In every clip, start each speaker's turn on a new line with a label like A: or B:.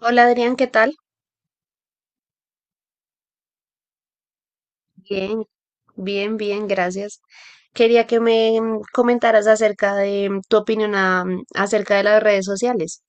A: Hola Adrián, ¿qué tal? Bien, bien, bien, gracias. Quería que me comentaras acerca de tu opinión acerca de las redes sociales.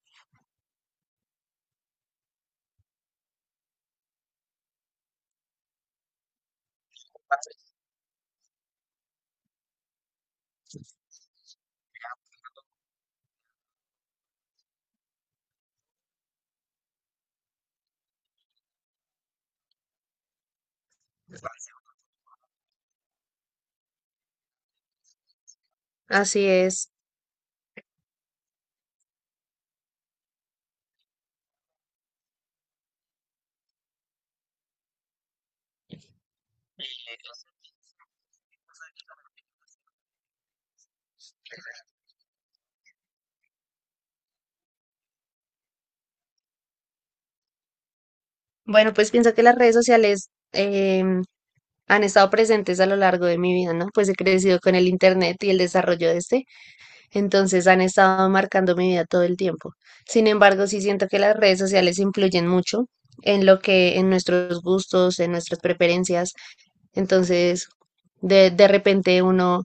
A: Así es. Bueno, pues pienso que las redes sociales han estado presentes a lo largo de mi vida, ¿no? Pues he crecido con el internet y el desarrollo de este, entonces han estado marcando mi vida todo el tiempo. Sin embargo, sí siento que las redes sociales influyen mucho en lo que, en nuestros gustos, en nuestras preferencias. Entonces, de repente uno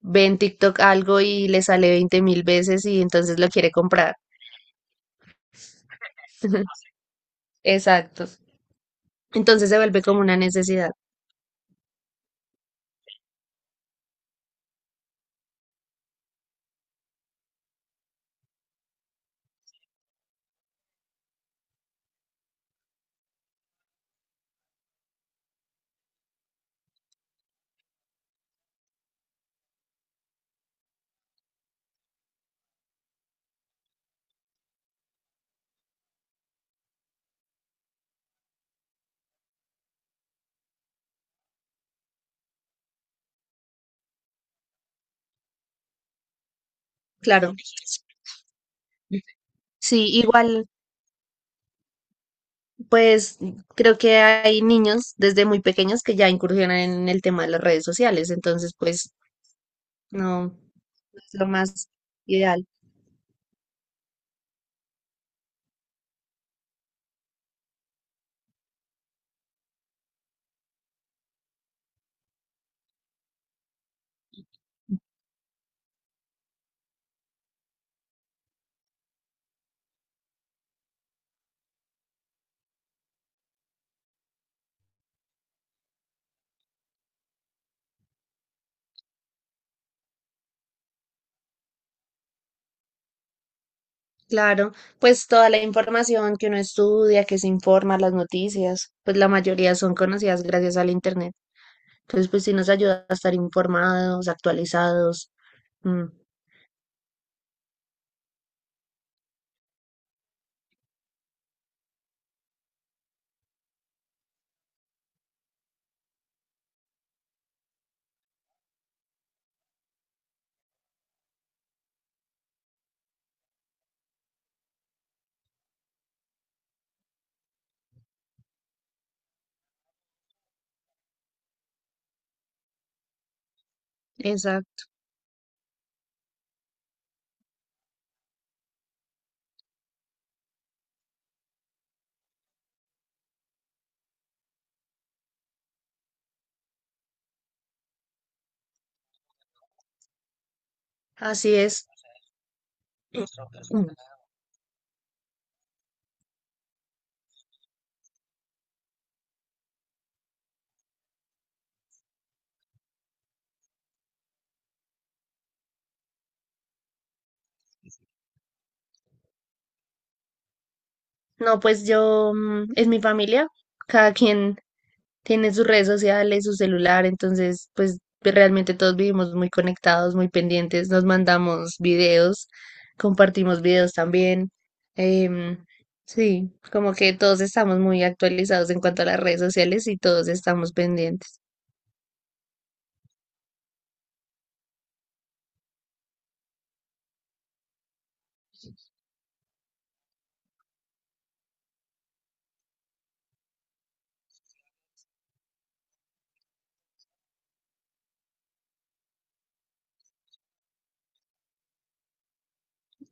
A: ve en TikTok algo y le sale 20.000 veces y entonces lo quiere comprar. Exacto. Entonces se vuelve como una necesidad. Claro. Sí, igual, pues creo que hay niños desde muy pequeños que ya incursionan en el tema de las redes sociales, entonces pues no, no es lo más ideal. Claro, pues toda la información que uno estudia, que se informa, las noticias, pues la mayoría son conocidas gracias al internet. Entonces, pues sí nos ayuda a estar informados, actualizados. Mm. Exacto. Así es. Mm. No, pues yo, es mi familia, cada quien tiene sus redes sociales, su celular, entonces, pues realmente todos vivimos muy conectados, muy pendientes, nos mandamos videos, compartimos videos también. em, sí, como que todos estamos muy actualizados en cuanto a las redes sociales y todos estamos pendientes.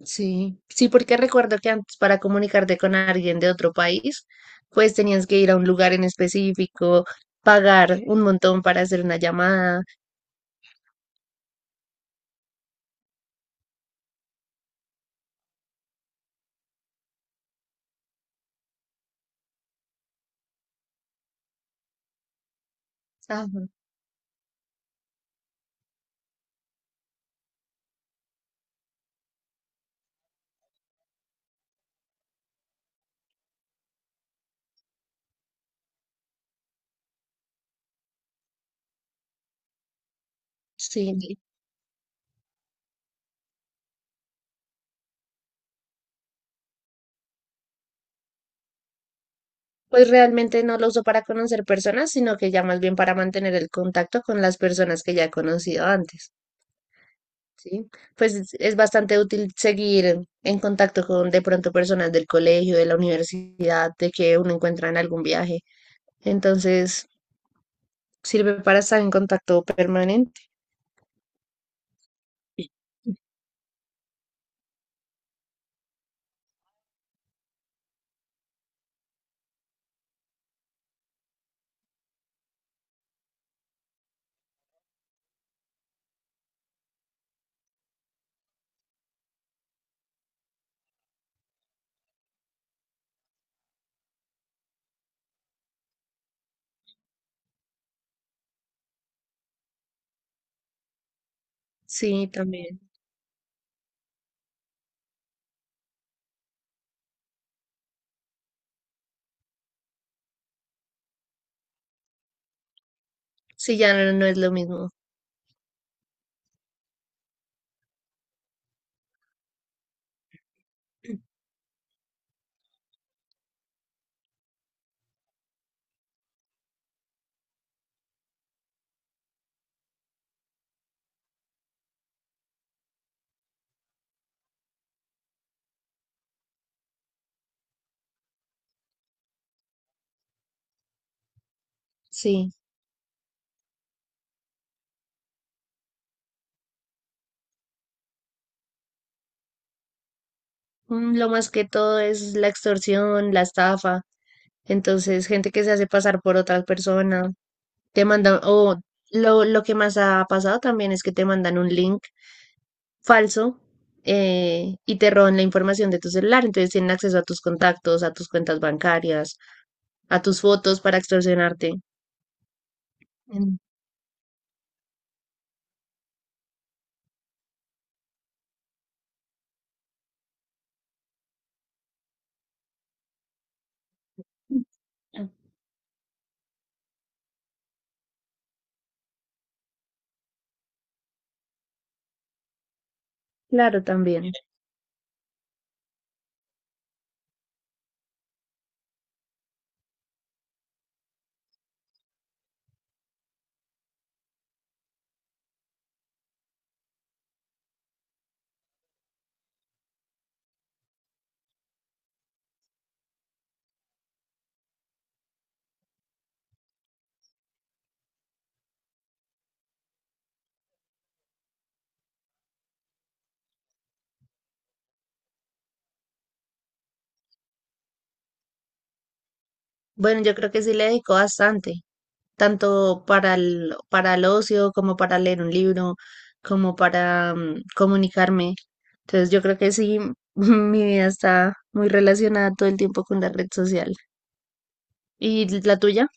A: Sí, sí, porque recuerdo que antes para comunicarte con alguien de otro país, pues tenías que ir a un lugar en específico, pagar un montón para hacer una llamada. Ajá, sí, sí. Pues realmente no lo uso para conocer personas, sino que ya más bien para mantener el contacto con las personas que ya he conocido antes, ¿sí? Pues es bastante útil seguir en contacto con de pronto personas del colegio, de la universidad, de que uno encuentra en algún viaje. Entonces, sirve para estar en contacto permanente. Sí, también. Sí, ya no, no es lo mismo. Sí. Mm. Lo más que todo es la extorsión, la estafa. Entonces, gente que se hace pasar por otra persona, te mandan, o lo que más ha pasado también es que te mandan un link falso, y te roban la información de tu celular. Entonces tienen acceso a tus contactos, a tus cuentas bancarias, a tus fotos para extorsionarte. Mm. Claro, también. Bueno, yo creo que sí le dedico bastante. Tanto para para el ocio como para leer un libro, como para comunicarme. Entonces yo creo que sí, mi vida está muy relacionada todo el tiempo con la red social. ¿Y la tuya?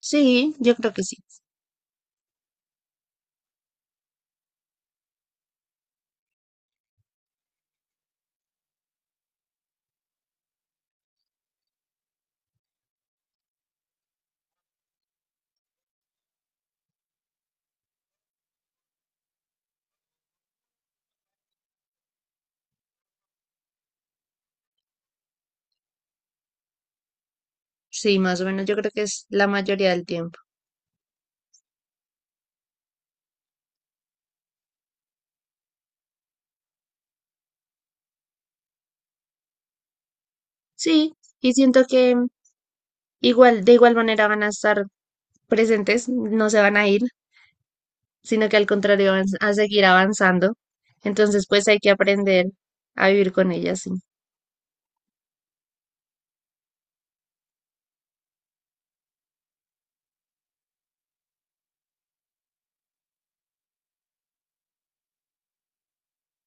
A: Sí, yo creo que sí. Sí, más o menos yo creo que es la mayoría del tiempo. Sí, y siento que igual, de igual manera van a estar presentes, no se van a ir, sino que al contrario van a seguir avanzando. Entonces, pues hay que aprender a vivir con ellas, sí.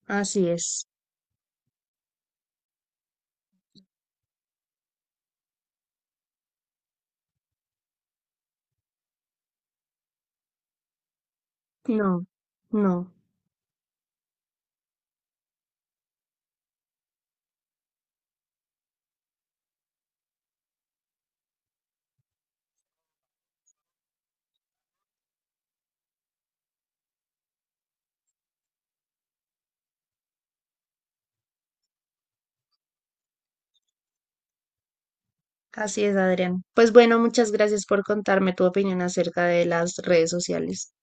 A: Así es. No, no. Así es, Adrián. Pues bueno, muchas gracias por contarme tu opinión acerca de las redes sociales.